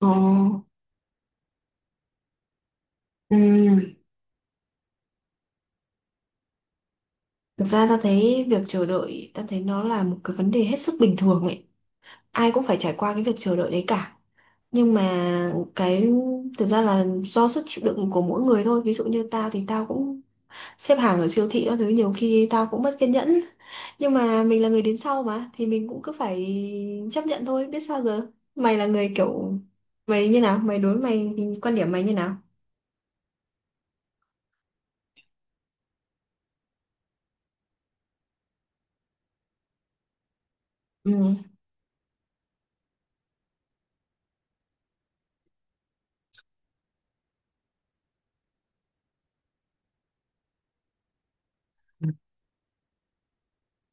Ồ, ừm, thực ra ta thấy ta thấy nó là một cái vấn đề hết sức bình thường ấy. Ai cũng phải trải qua cái việc chờ đợi đấy cả. Nhưng mà thực ra là do sức chịu đựng của mỗi người thôi. Ví dụ như tao thì tao cũng xếp hàng ở siêu thị các thứ, nhiều khi tao cũng mất kiên nhẫn. Nhưng mà mình là người đến sau mà, thì mình cũng cứ phải chấp nhận thôi, biết sao giờ. Mày là người kiểu mày như nào? Mày thì quan điểm mày như nào? Ừ,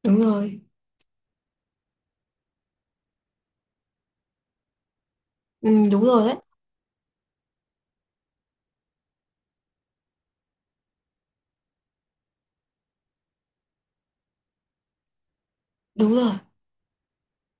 đúng rồi. Ừ, đúng rồi đấy. Đúng rồi.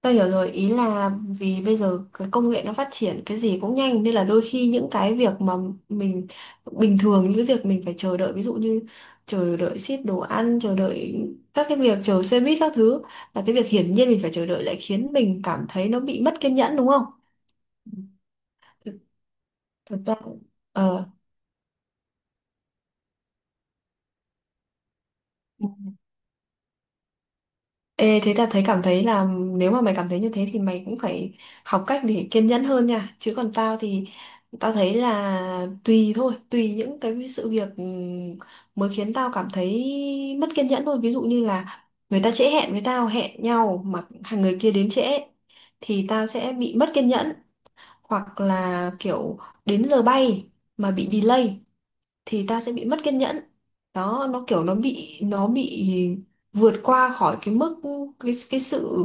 Tôi hiểu rồi, ý là vì bây giờ cái công nghệ nó phát triển, cái gì cũng nhanh, nên là đôi khi những cái việc mà mình bình thường những cái việc mình phải chờ đợi, ví dụ như chờ đợi ship đồ ăn, chờ đợi các cái việc chờ xe buýt các thứ, là cái việc hiển nhiên mình phải chờ đợi lại khiến mình cảm thấy nó bị mất kiên nhẫn đúng không? Thực thực ra ờ Ê, thế là thấy cảm thấy là nếu mà mày cảm thấy như thế thì mày cũng phải học cách để kiên nhẫn hơn nha. Chứ còn tao thì tao thấy là tùy thôi, tùy những cái sự việc, mới khiến tao cảm thấy mất kiên nhẫn thôi. Ví dụ như là người ta trễ hẹn với tao, hẹn nhau mà hàng người kia đến trễ thì tao sẽ bị mất kiên nhẫn, hoặc là kiểu đến giờ bay mà bị delay thì ta sẽ bị mất kiên nhẫn. Đó, nó kiểu nó bị vượt qua khỏi cái mức, cái sự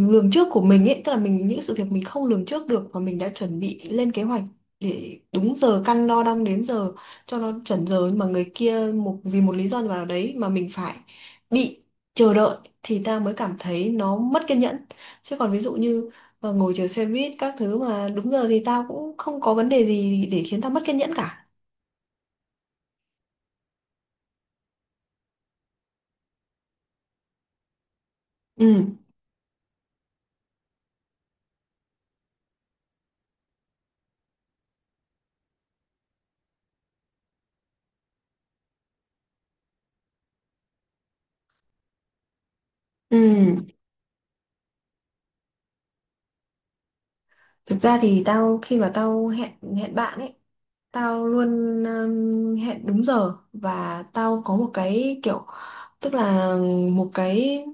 lường trước của mình ấy, tức là những sự việc mình không lường trước được và mình đã chuẩn bị lên kế hoạch để đúng giờ, căn đo đong đếm giờ cho nó chuẩn giờ, nhưng mà người kia vì một lý do nào đấy mà mình phải bị chờ đợi, thì ta mới cảm thấy nó mất kiên nhẫn. Chứ còn ví dụ như ngồi chờ xe buýt các thứ mà đúng giờ thì tao cũng không có vấn đề gì để khiến tao mất kiên nhẫn cả. Ừ. Ừ, thực ra thì tao khi mà tao hẹn hẹn bạn ấy, tao luôn hẹn đúng giờ, và tao có một cái kiểu, tức là một cái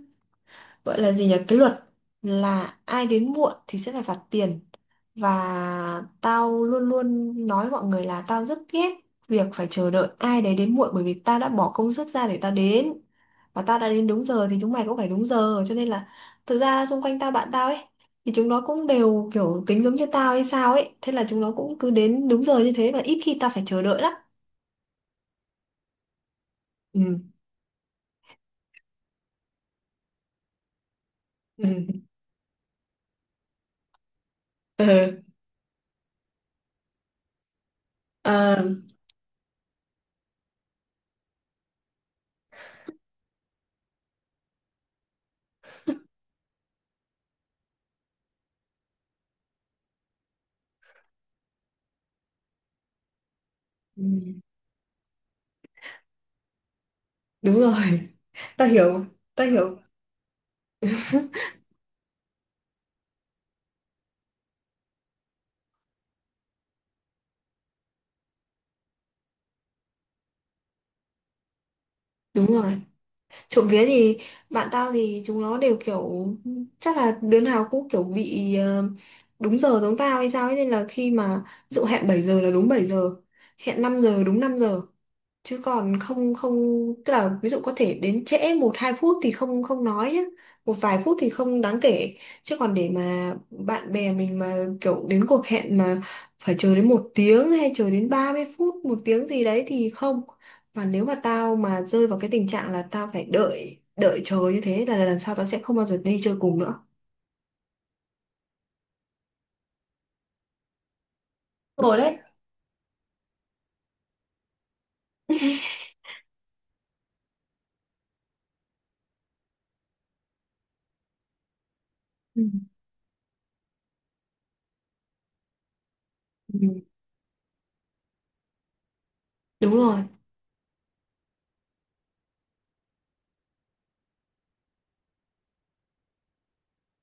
gọi là gì nhỉ, cái luật là ai đến muộn thì sẽ phải phạt tiền. Và tao luôn luôn nói mọi người là tao rất ghét việc phải chờ đợi ai đấy đến muộn, bởi vì tao đã bỏ công sức ra để tao đến và tao đã đến đúng giờ thì chúng mày cũng phải đúng giờ. Cho nên là thực ra xung quanh tao, bạn tao ấy, thì chúng nó cũng đều kiểu tính giống như tao hay sao ấy, thế là chúng nó cũng cứ đến đúng giờ như thế và ít khi tao phải chờ đợi lắm. Ừ. Ừ. Ừ. À, ừ, đúng rồi. Tao hiểu, tao hiểu. Đúng rồi. Trộm vía thì bạn tao thì chúng nó đều kiểu, chắc là đứa nào cũng kiểu bị đúng giờ giống tao hay sao ấy, nên là khi mà ví dụ hẹn 7 giờ là đúng 7 giờ, hẹn 5 giờ đúng 5 giờ, chứ còn không, không, tức là ví dụ có thể đến trễ một hai phút thì không, không nói nhá, một vài phút thì không đáng kể. Chứ còn để mà bạn bè mình mà kiểu đến cuộc hẹn mà phải chờ đến 1 tiếng, hay chờ đến 30 phút, 1 tiếng gì đấy thì không. Và nếu mà tao mà rơi vào cái tình trạng là tao phải đợi đợi chờ như thế là lần sau tao sẽ không bao giờ đi chơi cùng nữa. Đúng rồi đấy. Ừ. Ừ, đúng rồi.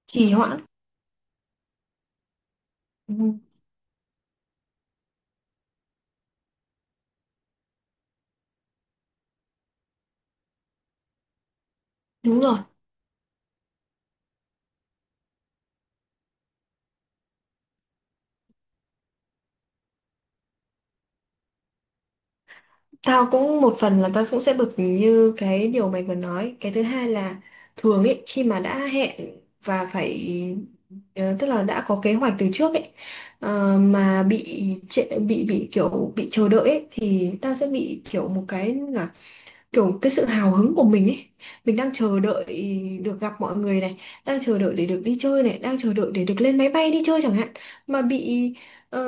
Trì hoãn. Ừ, đúng rồi. Tao cũng một phần là tao cũng sẽ bực như cái điều mày vừa nói. Cái thứ hai là, thường ấy, khi mà đã hẹn và phải, tức là đã có kế hoạch từ trước ấy, mà bị bị kiểu bị chờ đợi ấy, thì tao sẽ bị kiểu một cái, kiểu cái sự hào hứng của mình ấy, mình đang chờ đợi được gặp mọi người này, đang chờ đợi để được đi chơi này, đang chờ đợi để được lên máy bay đi chơi chẳng hạn, mà bị ờ,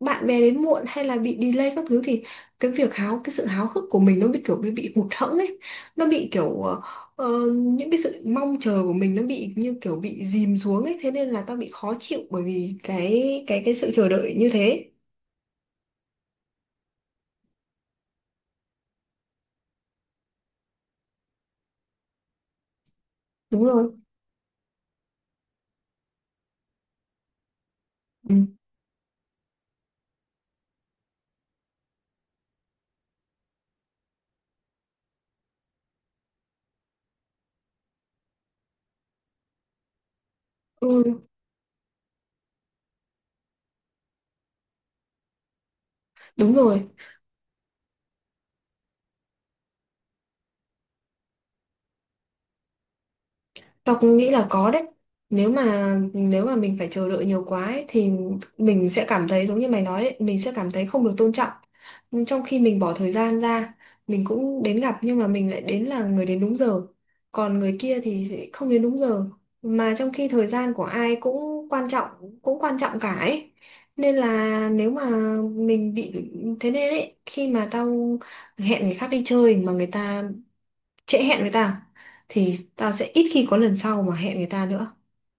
bạn bè đến muộn hay là bị delay các thứ thì cái sự háo hức của mình nó bị kiểu bị hụt hẫng ấy, nó bị kiểu những cái sự mong chờ của mình nó bị như kiểu bị dìm xuống ấy, thế nên là tao bị khó chịu bởi vì cái sự chờ đợi như thế. Đúng rồi. Ừ. Ừ, đúng rồi. Tao cũng nghĩ là có đấy. Nếu mà mình phải chờ đợi nhiều quá ấy, thì mình sẽ cảm thấy giống như mày nói đấy, mình sẽ cảm thấy không được tôn trọng. Nhưng trong khi mình bỏ thời gian ra, mình cũng đến gặp, nhưng mà mình lại đến là người đến đúng giờ. Còn người kia thì sẽ không đến đúng giờ. Mà trong khi thời gian của ai cũng quan trọng cả ấy. Nên là nếu mà mình bị thế nên ấy, khi mà tao hẹn người khác đi chơi mà người ta trễ hẹn với tao thì tao sẽ ít khi có lần sau mà hẹn người ta nữa.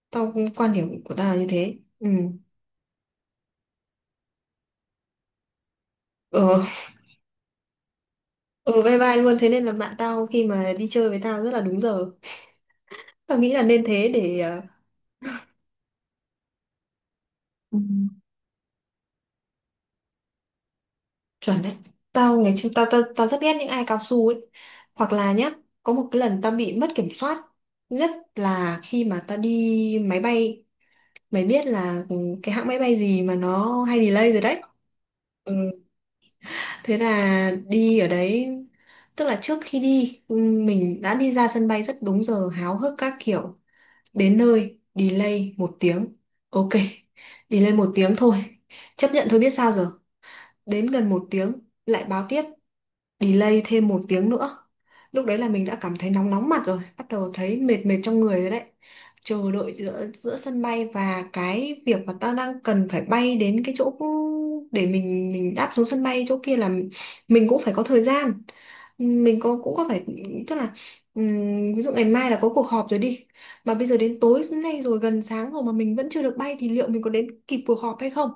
Tao cũng quan điểm của tao là như thế. Ừ. Ờ. Ừ, bye bye luôn, thế nên là bạn tao khi mà đi chơi với tao rất là đúng giờ. Tao nghĩ là nên thế để ừ, chuẩn đấy. Tao ngày trước tao, tao rất ghét những ai cao su ấy, hoặc là nhá, có một cái lần tao bị mất kiểm soát nhất là khi mà tao đi máy bay. Mày biết là cái hãng máy bay gì mà nó hay delay rồi đấy. Ừ, thế là đi ở đấy, tức là trước khi đi, mình đã đi ra sân bay rất đúng giờ, háo hức các kiểu. Đến nơi, delay 1 tiếng. Ok, delay 1 tiếng thôi. Chấp nhận thôi, biết sao giờ. Đến gần 1 tiếng, lại báo tiếp delay thêm 1 tiếng nữa. Lúc đấy là mình đã cảm thấy nóng nóng mặt rồi, bắt đầu thấy mệt mệt trong người rồi đấy. Chờ đợi giữa giữa sân bay, và cái việc mà ta đang cần phải bay đến cái chỗ để mình đáp xuống sân bay chỗ kia là mình cũng phải có thời gian, mình có cũng có phải, tức là ví dụ ngày mai là có cuộc họp rồi đi, mà bây giờ đến tối nay rồi, gần sáng rồi mà mình vẫn chưa được bay thì liệu mình có đến kịp cuộc họp hay không.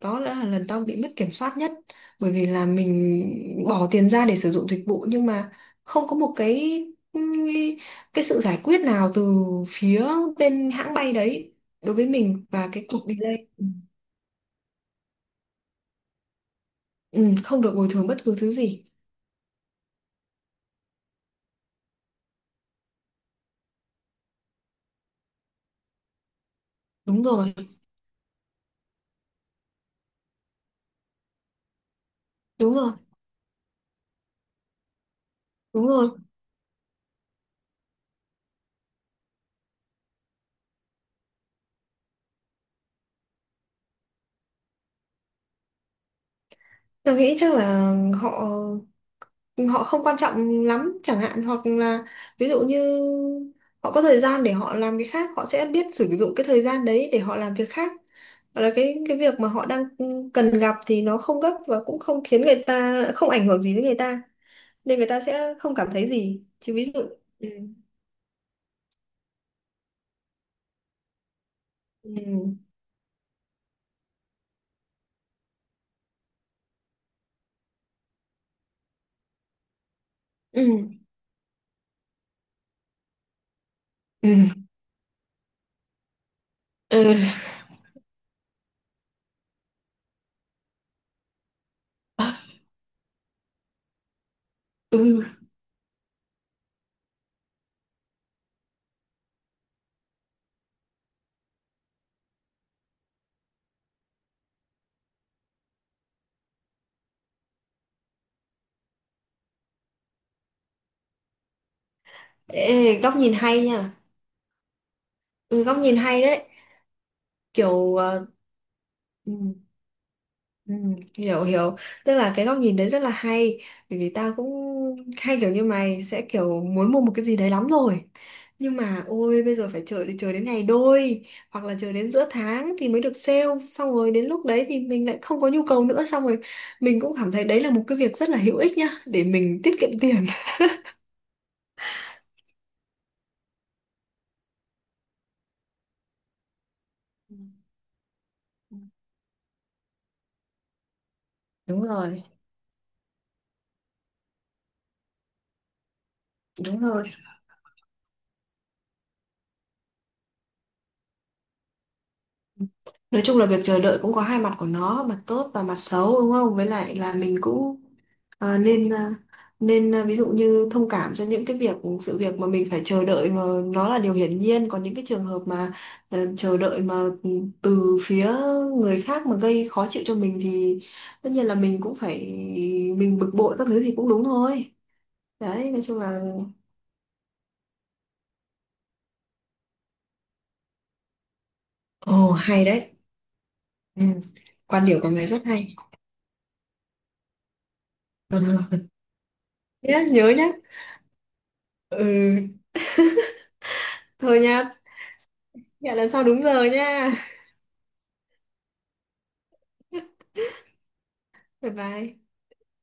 Đó đã là lần tao bị mất kiểm soát nhất, bởi vì là mình bỏ tiền ra để sử dụng dịch vụ nhưng mà không có một cái sự giải quyết nào từ phía bên hãng bay đấy đối với mình và cái cuộc delay. Ừ, không được bồi thường bất cứ thứ gì. Đúng rồi. Đúng rồi. Đúng rồi. Tôi nghĩ chắc là họ họ không quan trọng lắm chẳng hạn, hoặc là ví dụ như họ có thời gian để họ làm cái khác, họ sẽ biết sử dụng cái thời gian đấy để họ làm việc khác, hoặc là cái việc mà họ đang cần gặp thì nó không gấp và cũng không khiến người ta, không ảnh hưởng gì đến người ta nên người ta sẽ không cảm thấy gì. Chứ ví dụ, ừ. Ừ. Ừ. Ừ. Ừ. Ừ. Ê, góc nhìn hay nha. Ừ, góc nhìn hay đấy. Kiểu ừ. Ừ, hiểu, hiểu, tức là cái góc nhìn đấy rất là hay, bởi vì tao cũng hay kiểu như mày sẽ kiểu muốn mua một cái gì đấy lắm rồi, nhưng mà ôi bây giờ phải chờ chờ đến ngày đôi, hoặc là chờ đến giữa tháng thì mới được sale, xong rồi đến lúc đấy thì mình lại không có nhu cầu nữa, xong rồi mình cũng cảm thấy đấy là một cái việc rất là hữu ích nhá để mình tiết kiệm tiền. Ừ. Ừ. Đúng rồi, đúng rồi. Nói chung là việc chờ đợi cũng có hai mặt của nó, mặt tốt và mặt xấu, đúng không? Với lại là mình cũng, à, nên à, ví dụ như thông cảm cho những cái việc sự việc mà mình phải chờ đợi mà nó là điều hiển nhiên, còn những cái trường hợp mà chờ đợi mà ừ, từ phía người khác mà gây khó chịu cho mình thì tất nhiên là mình cũng phải, mình bực bội các thứ thì cũng đúng thôi. Đấy, nói chung là, ồ, hay đấy. Ừ. Quan điểm của mày rất hay. Nhớ nhớ nhá. Ừ, thôi nha. Hẹn lần sau đúng giờ nha. Bye bye.